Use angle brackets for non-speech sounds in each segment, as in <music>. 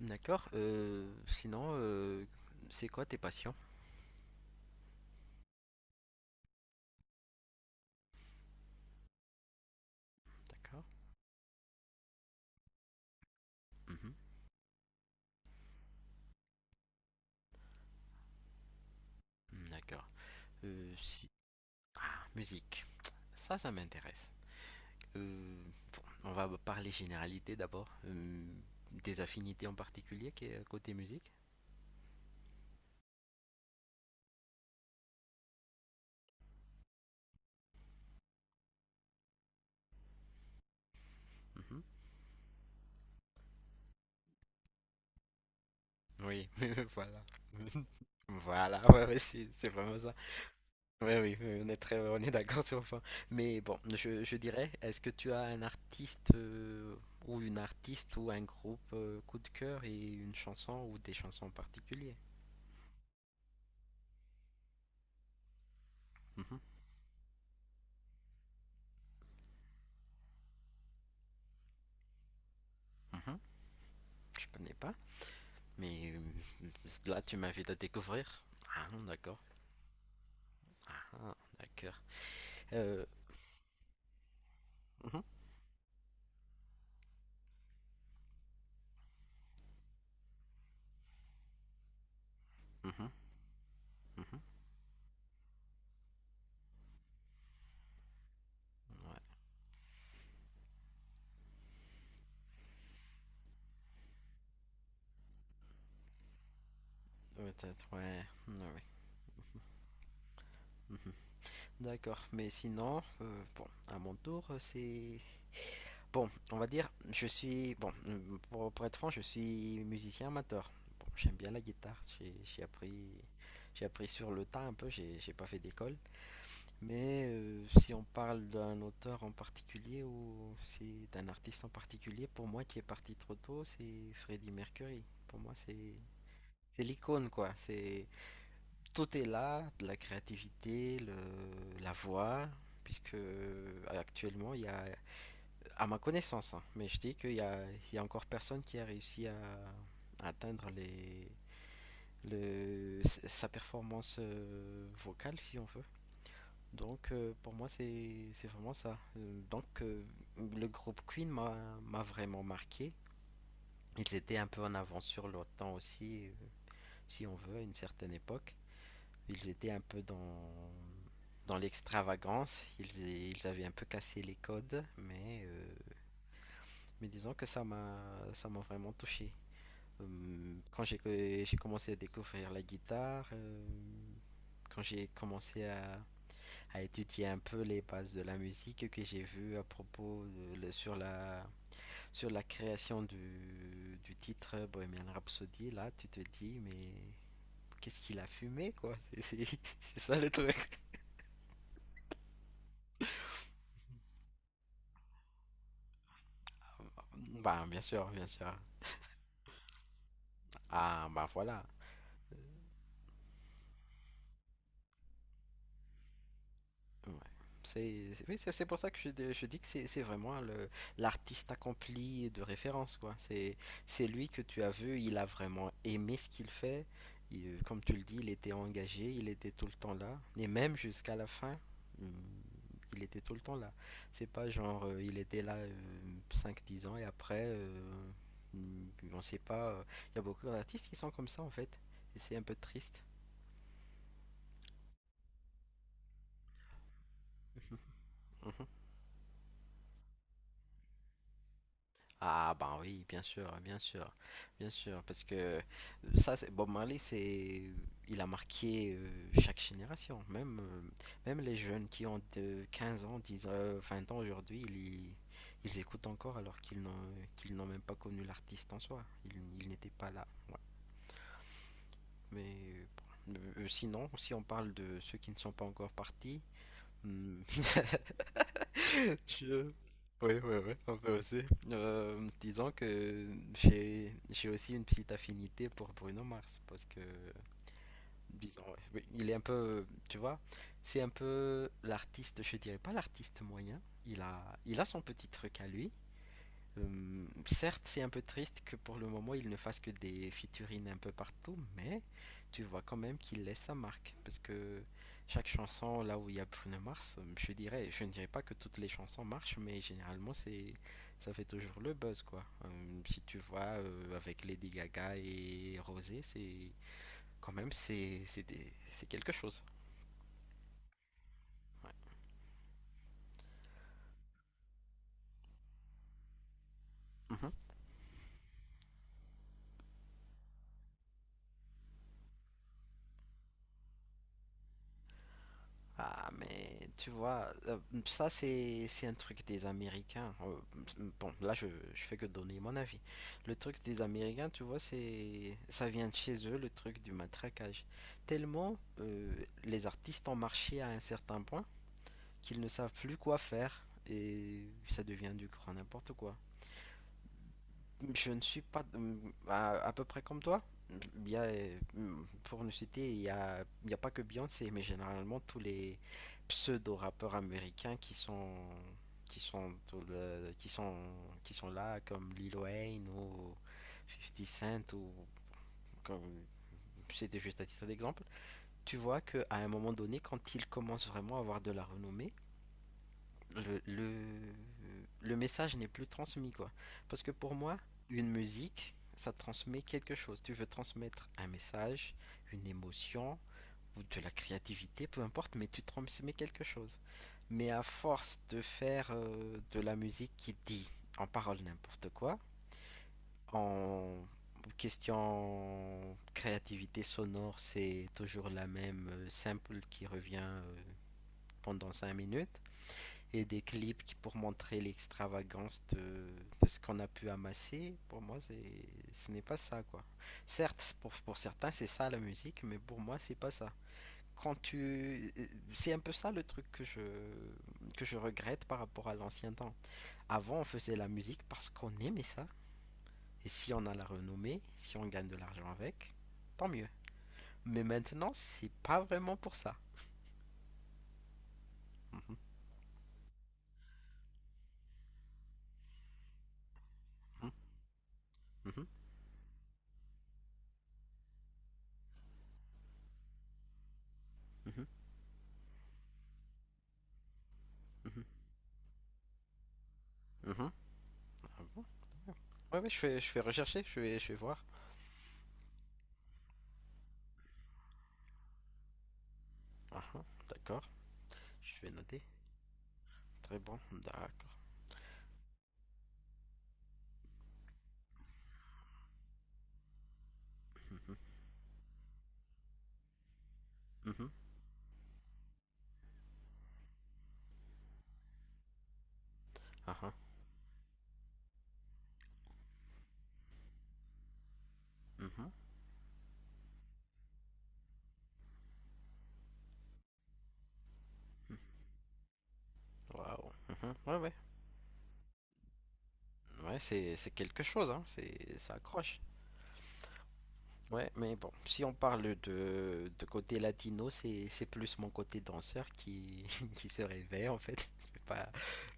D'accord. Sinon, c'est quoi tes passions? D'accord. Mhm. D'accord. Si... Ah, musique. Ça m'intéresse. Euh, on va parler généralité d'abord. Des affinités en particulier qui est côté musique? Mhm. Oui, <laughs> voilà. <laughs> Voilà, ouais, ouais, c'est vraiment ça. Oui, oui, oui, on est très, on est d'accord sur le point. Mais bon, je dirais, est-ce que tu as un artiste ou une artiste ou un groupe coup de cœur et une chanson ou des chansons en particulier? Mhm, mhm, je connais pas, mais euh, là tu m'invites à découvrir. Ah, d'accord. Ah, d'accord. Euh, mhm, mhm, mhm, ouais, peut-être, ouais, ouais, ouais, mhm. D'accord, mais sinon, bon, à mon tour, c'est Bon, on va dire, je suis. Bon, pour être franc, je suis musicien amateur. Bon, j'aime bien la guitare. J'ai appris sur le tas un peu. J'ai pas fait d'école. Mais si on parle d'un auteur en particulier ou si d'un artiste en particulier, pour moi qui est parti trop tôt, c'est Freddie Mercury. Pour moi, c'est l'icône quoi. C'est tout est là, de la créativité, la voix, puisque actuellement il y a à ma connaissance, hein, mais je dis qu'il y a, il y a encore personne qui a réussi à atteindre sa performance vocale, si on veut. Donc, pour moi, c'est vraiment ça. Donc, le groupe Queen m'a vraiment marqué. Ils étaient un peu en avance sur leur temps aussi, si on veut, à une certaine époque. Ils étaient un peu dans l'extravagance. Ils avaient un peu cassé les codes, mais disons que ça m'a vraiment touché. Quand j'ai commencé à découvrir la guitare, quand j'ai commencé à étudier un peu les bases de la musique que j'ai vu à propos sur la création du titre Bohemian Rhapsody, là tu te dis mais qu'est-ce qu'il a fumé quoi? <laughs> C'est ça le truc. Bah bien sûr, bien sûr. Ah bah voilà. Ouais. C'est pour ça que je dis que c'est vraiment le l'artiste accompli de référence, quoi. C'est lui que tu as vu, il a vraiment aimé ce qu'il fait. Comme tu le dis, il était engagé, il était tout le temps là. Et même jusqu'à la fin, hum, il était tout le temps là. C'est pas genre, il était là cinq dix ans et après, on sait pas. Il y a beaucoup d'artistes qui sont comme ça, en fait. Et c'est un peu triste. Mhm. Ah ben oui, bien sûr, bien sûr, bien sûr, parce que ça, c'est Bob Marley, c'est, il a marqué chaque génération, même, même les jeunes qui ont de 15 ans, 10 ans, 20 ans aujourd'hui, ils écoutent encore alors qu'ils n'ont même pas connu l'artiste en soi, ils n'étaient pas là. Ouais. Mais euh, bon. Sinon, si on parle de ceux qui ne sont pas encore partis, hmm, Je- oui, oui, oui, un peu aussi. Disons que j'ai aussi une petite affinité pour Bruno Mars parce que, disons, ouais, oui, il est un peu, tu vois, c'est un peu l'artiste, je dirais pas l'artiste moyen. Il a son petit truc à lui, certes, c'est un peu triste que pour le moment il ne fasse que des featurines un peu partout, mais tu vois quand même qu'il laisse sa marque. Parce que chaque chanson, là où il y a Bruno Mars, je dirais, je ne dirais pas que toutes les chansons marchent, mais généralement ça fait toujours le buzz quoi. Si tu vois avec Lady Gaga et Rosé, c'est quand même c'est des- c'est quelque chose. Ouais. Mhm. Ah, mais tu vois, ça c'est un truc des Américains. Bon, là je, je fais que donner mon avis. Le truc des Américains, tu vois, c'est ça vient de chez eux, le truc du matraquage. Tellement les artistes ont marché à un certain point qu'ils ne savent plus quoi faire et ça devient du grand n'importe quoi. Je ne suis pas à peu près comme toi. Pour nous citer, il y a pas que Beyoncé, mais généralement tous les pseudo-rappeurs américains qui sont dans le- qui sont là comme Lil Wayne ou Fifty Cent ou comme c'était juste à titre d'exemple. Tu vois que à un moment donné, quand ils commencent vraiment à avoir de la renommée, le, le, le message n'est plus transmis, quoi. Parce que pour moi, une musique, ça transmet quelque chose. Tu veux transmettre un message, une émotion ou de la créativité, peu importe, mais tu transmets quelque chose. Mais à force de faire de la musique qui dit en parole n'importe quoi, en question créativité sonore, c'est toujours la même simple qui revient pendant 5 minutes et des clips pour montrer l'extravagance de ce qu'on a pu amasser, pour moi, ce n'est pas ça, quoi. Certes, pour certains, c'est ça la musique, mais pour moi, c'est pas ça. Quand tu... euh, C'est un peu ça le truc que je regrette par rapport à l'ancien temps. Avant, on faisait la musique parce qu'on aimait ça. Et si on a la renommée, si on gagne de l'argent avec, tant mieux. Mais maintenant, c'est pas vraiment pour ça. Mhm, mhm, mhm, mhm, mhm. Ah bon? Ouais, ouais, je fais rechercher, je vais voir. Ah, ah, d'accord, je vais noter. Très bon, d'accord. Mhm, mhm, ah, ah, mhm, mhm. Waouh. Mhm. Ouais, ouais. Ouais, c'est quelque chose, hein. Ça accroche. Ouais, mais bon, si on parle de côté latino, c'est plus mon côté danseur qui, <laughs> qui se réveille en fait. <laughs> C'est pas,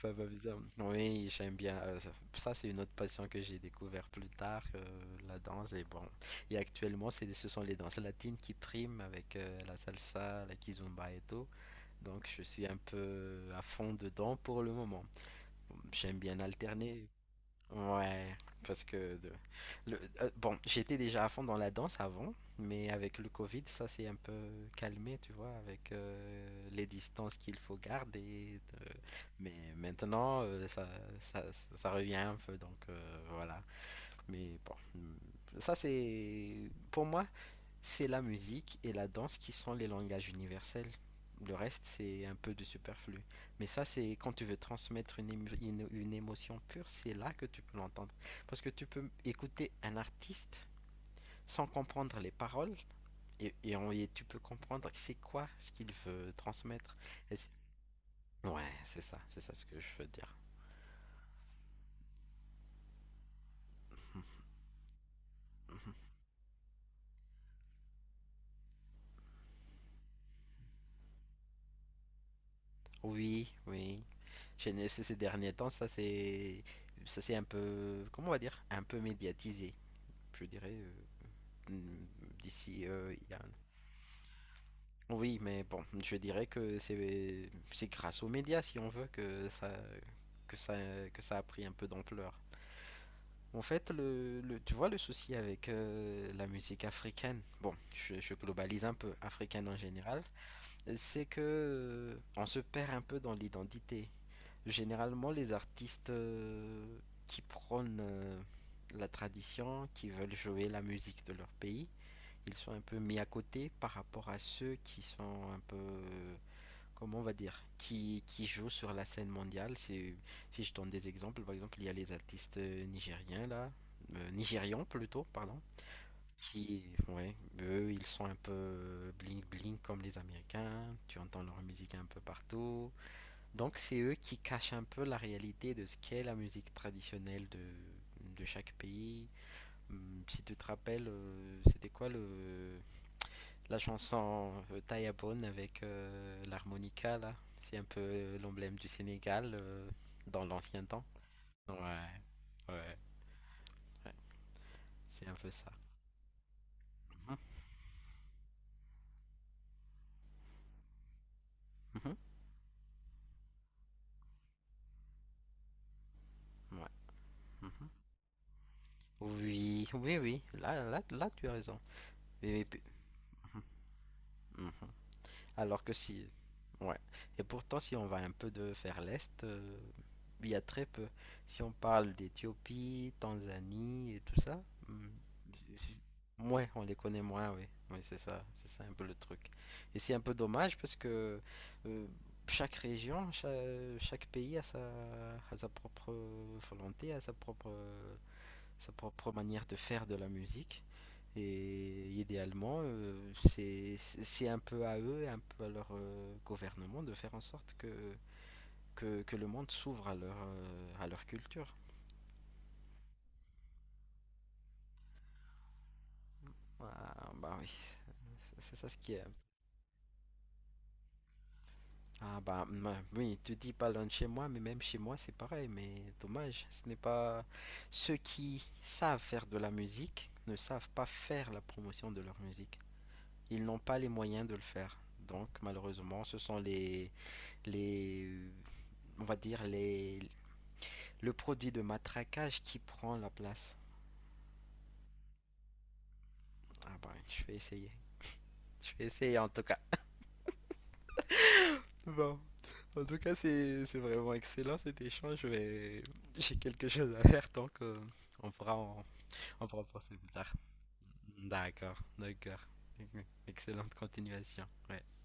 pas, Pas bizarre. Oui, j'aime bien. Ça, c'est une autre passion que j'ai découvert plus tard, la danse. Et bon, et actuellement, ce sont les danses latines qui priment avec la salsa, la kizomba et tout. Donc, je suis un peu à fond dedans pour le moment. Bon, j'aime bien alterner. Ouais, parce que bon, j'étais déjà à fond dans la danse avant, mais avec le Covid, ça s'est un peu calmé, tu vois, avec les distances qu'il faut garder. Mais maintenant, ça, ça revient un peu, donc voilà. Mais bon, ça c'est, pour moi, c'est la musique et la danse qui sont les langages universels. Le reste, c'est un peu de superflu. Mais ça, c'est quand tu veux transmettre une émotion pure, c'est là que tu peux l'entendre. Parce que tu peux écouter un artiste sans comprendre les paroles et tu peux comprendre c'est quoi ce qu'il veut transmettre. Et c'est- ouais, c'est ça ce que je veux dire. <laughs> Mhm. Oui, oui. Chez nous, ces ces derniers temps, ça c'est un peu, comment on va dire, un peu médiatisé, je dirais. D'ici. Il y a- Oui, mais bon, je dirais que c'est grâce aux médias, si on veut, que ça, que ça a pris un peu d'ampleur. En fait, tu vois le souci avec la musique africaine, bon, je globalise un peu, africaine en général, c'est que on se perd un peu dans l'identité. Généralement, les artistes qui prônent la tradition, qui veulent jouer la musique de leur pays, ils sont un peu mis à côté par rapport à ceux qui sont un peu, comment on va dire, qui jouent sur la scène mondiale. Si je donne des exemples, par exemple, il y a les artistes nigériens là, nigérians plutôt, pardon, qui, ouais, eux, ils sont un peu bling bling comme les Américains. Tu entends leur musique un peu partout. Donc c'est eux qui cachent un peu la réalité de ce qu'est la musique traditionnelle de chaque pays. Si tu te rappelles, c'était quoi le la chanson Tayabone avec l'harmonica, là, c'est un peu l'emblème du Sénégal dans l'ancien temps. Ouais, ouais, ouais, c'est un peu ça. Mhm, mhm, ouais, mhm. Oui, oui, oui, oui. Là, là, là, tu as raison. Oui, oui, puis- mhm. Alors que si, ouais. Et pourtant, si on va un peu de vers l'est, il y a très peu. Si on parle d'Éthiopie, Tanzanie et tout ça, hum, ouais, on les connaît moins, oui. Oui, c'est ça un peu le truc. Et c'est un peu dommage parce que euh, chaque région, chaque pays a sa propre volonté, a sa propre manière de faire de la musique. Et idéalement, c'est un peu à eux et un peu à leur gouvernement de faire en sorte que le monde s'ouvre à leur culture. Ah, bah oui, c'est ça ce qui est. Oui, tu dis pas loin de chez moi, mais même chez moi c'est pareil, mais dommage, ce n'est pas ceux qui savent faire de la musique ne savent pas faire la promotion de leur musique. Ils n'ont pas les moyens de le faire. Donc malheureusement, ce sont les on va dire le produit de matraquage qui prend la place. Ah ben, je vais essayer. Je vais essayer en tout cas. Bon. En tout cas, c'est vraiment excellent cet échange. J'ai quelque chose à faire, donc on pourra en, on pourra en poursuivre plus tard. D'accord, d'accord. Excellente continuation. Ouais.